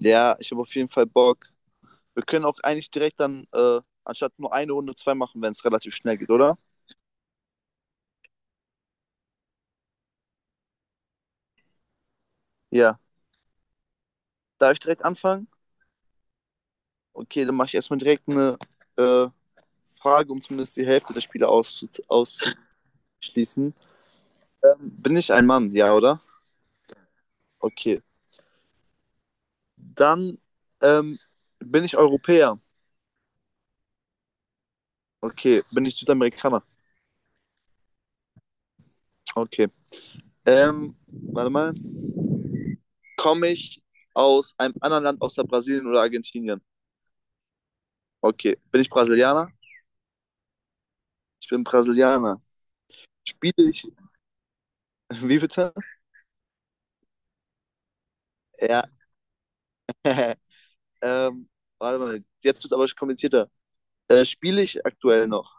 Ja, ich habe auf jeden Fall Bock. Wir können auch eigentlich direkt dann, anstatt nur eine Runde, zwei machen, wenn es relativ schnell geht, oder? Ja. Darf ich direkt anfangen? Okay, dann mache ich erstmal direkt eine äh, Frage, um zumindest die Hälfte der Spiele auszuschließen. Bin ich ein Mann? Ja, oder? Okay. Dann ähm, bin ich Europäer? Okay. Bin ich Südamerikaner? Okay. Warte mal. Komme ich aus einem anderen Land außer Brasilien oder Argentinien? Okay. Bin ich Brasilianer? Ich bin Brasilianer. Spiele ich. Wie bitte? Ja. ähm, warte mal, jetzt wird es aber komplizierter. Spiele ich aktuell noch?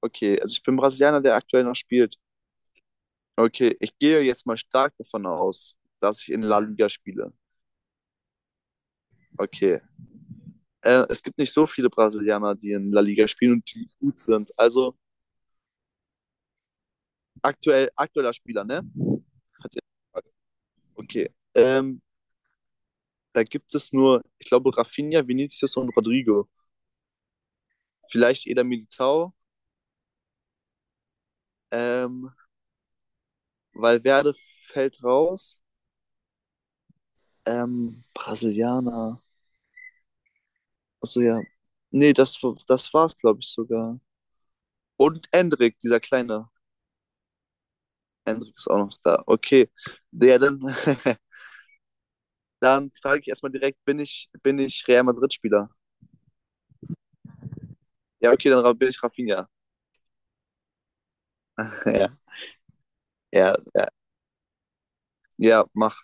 Okay, also ich bin Brasilianer, der aktuell noch spielt. Okay, ich gehe jetzt mal stark davon aus, dass ich in La Liga spiele. Okay. Es gibt nicht so viele Brasilianer, die in La Liga spielen und die gut sind. Also aktueller Spieler, ne? Hat er gefragt. Okay. Da gibt es nur, ich glaube, Rafinha, Vinicius und Rodrigo. Vielleicht Eder Militao. Ähm, Valverde fällt raus. Brasilianer. Achso, ja. Nee, das war's, glaube ich, sogar. Und Endrick, dieser kleine. Endrick ist auch noch da. Okay. Ja, dann, dann frage ich erstmal direkt, bin ich Real Madrid-Spieler? Ja, okay, dann bin ich Rafinha. ja, ja, ja, ja, mach.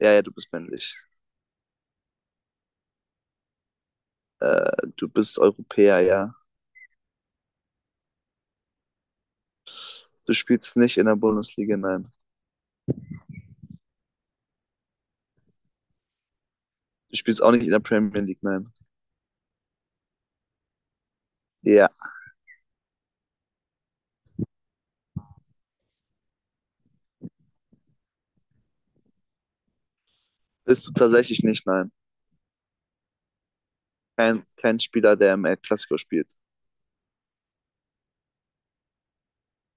Ja, ja, du bist männlich. Du bist Europäer, ja. Du spielst nicht in der Bundesliga, nein. Du spielst auch nicht in der Premier League, nein. Ja. Bist du tatsächlich nicht, nein. Kein Spieler, der im El Clasico spielt.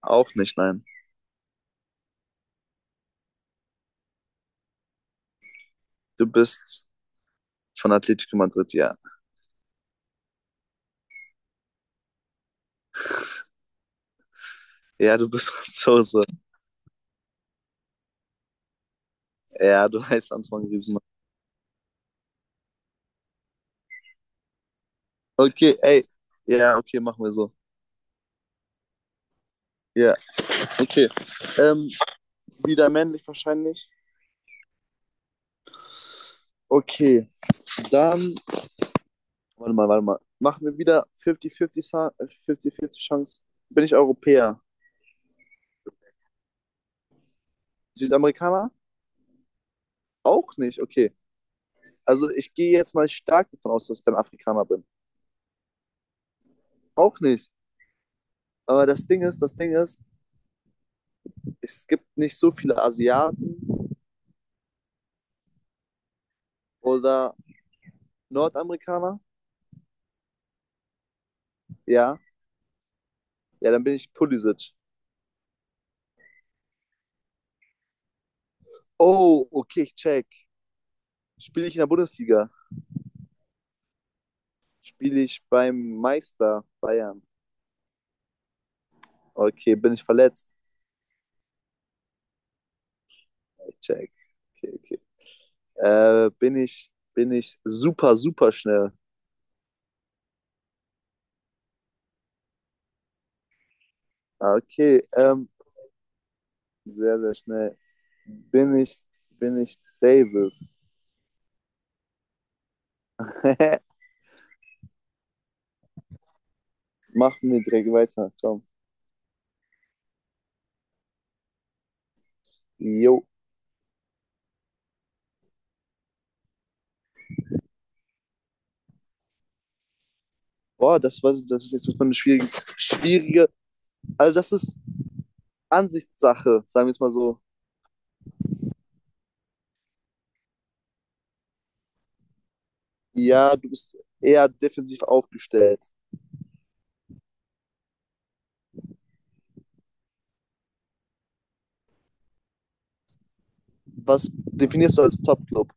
Auch nicht, nein. Du bist von Atletico Madrid, ja. Ja, du bist Franzose. Ja, du heißt Antoine Griezmann. Okay, ey. Ja, okay, machen wir so. Ja, okay. Ähm, wieder männlich wahrscheinlich. Okay, dann. Warte mal, warte mal. Machen wir wieder 50-50 50 Chance. Bin ich Europäer? Südamerikaner? Auch nicht, okay. Also ich gehe jetzt mal stark davon aus, dass ich dann Afrikaner bin. Auch nicht. Aber das Ding ist, es gibt nicht so viele Asiaten oder Nordamerikaner. Ja, ja, dann bin ich Pulisic. Oh, okay, ich check. Spiele ich in der Bundesliga? Spiele ich beim Meister Bayern? Okay, bin ich verletzt? Ich check. Okay, okay. Bin ich super, super schnell? Ah, okay, sehr, sehr schnell. Bin ich, bin ich Davis? Machen wir direkt weiter, komm. Jo. Boah, das ist jetzt erstmal eine schwierige, schwierige. Also das ist Ansichtssache, sagen wir es mal so. Ja, du bist eher defensiv aufgestellt. Was definierst du als Top-Club?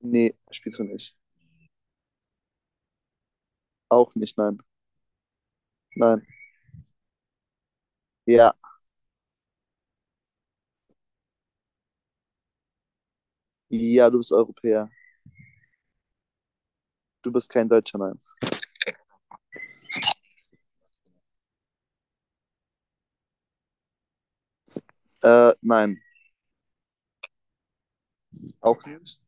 Nee, spielst du nicht. Auch nicht, nein. Nein. Ja. Ja, du bist Europäer. Du bist kein Deutscher, nein. Nein, auch nicht.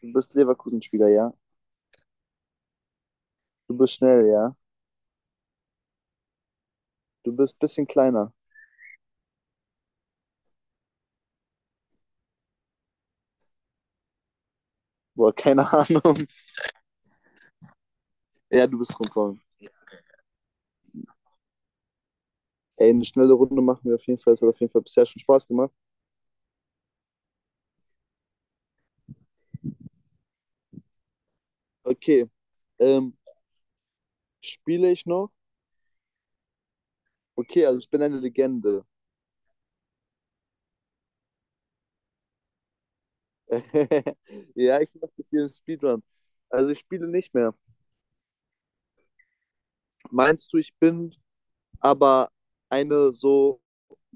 Du bist Leverkusen-Spieler, ja. Du bist schnell, ja. Du bist ein bisschen kleiner. Boah, keine Ahnung. Ja, du bist rumkommen. Ey, eine schnelle Runde machen wir auf jeden Fall. Es hat auf jeden Fall bisher schon Spaß gemacht. Okay, ähm, spiele ich noch? Okay, also ich bin eine Legende. Ja, ich mache das hier im Speedrun. Also ich spiele nicht mehr. Meinst du, ich bin aber eine so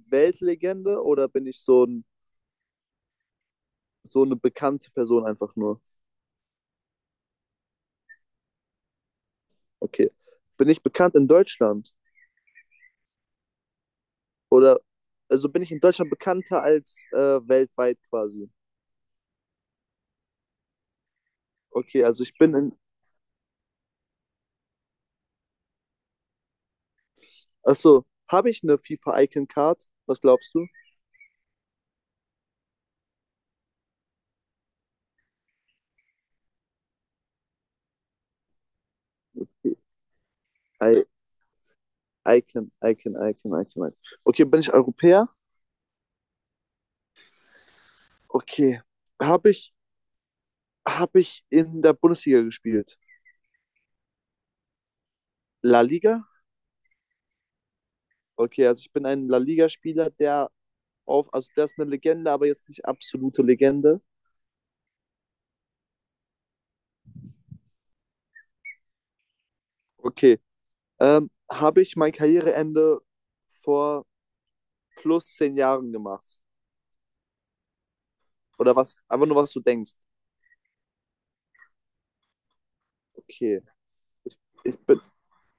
Weltlegende oder bin ich so eine bekannte Person einfach nur? Okay. Bin ich bekannt in Deutschland? Oder also bin ich in Deutschland bekannter als weltweit quasi? Okay, also ich bin in. Achso, habe ich eine FIFA Icon Card? Was glaubst du? I Icon, Icon, Icon, Icon, Icon. Okay, bin ich Europäer? Okay. Habe ich habe ich in der Bundesliga gespielt. La Liga? Okay, also ich bin ein La Liga-Spieler, der auf, also der ist eine Legende, aber jetzt nicht absolute Legende. Okay. Habe ich mein Karriereende vor plus zehn Jahren gemacht? Oder was? Einfach nur, was du denkst. Okay. Ich, ich bin,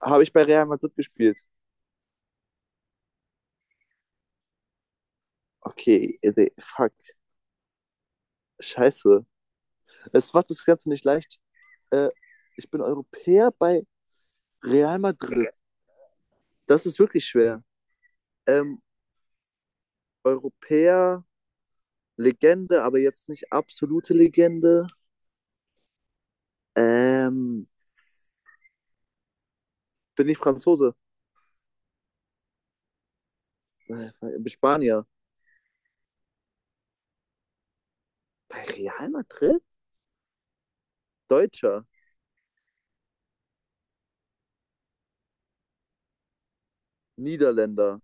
habe ich bei Real Madrid gespielt? Okay, ey, fuck. Scheiße. Es macht das Ganze nicht leicht. Äh, ich bin Europäer bei Real Madrid. Das ist wirklich schwer. Ähm, Europäer Legende, aber jetzt nicht absolute Legende. Ähm, bin ich Franzose? Äh, Bin Spanier. Bei Real Madrid? Deutscher. Niederländer.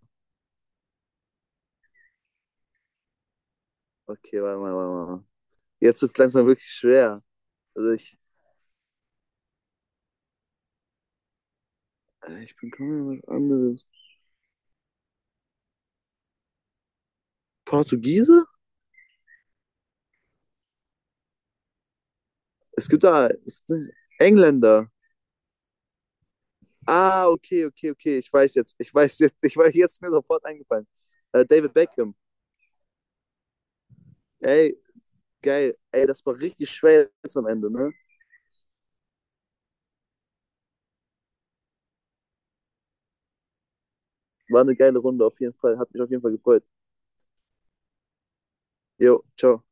Okay, warte mal, warte mal. Jetzt ist langsam wirklich schwer. Also ich bin kaum was anderes. Portugiese? Es gibt Engländer. Ah, okay, okay, okay. Ich weiß jetzt. Ich weiß jetzt. Ich weiß jetzt ist mir sofort eingefallen. David Beckham. Ey, geil. Ey, das war richtig schwer jetzt am Ende, ne? War eine geile Runde auf jeden Fall. Hat mich auf jeden Fall gefreut. Jo, ciao.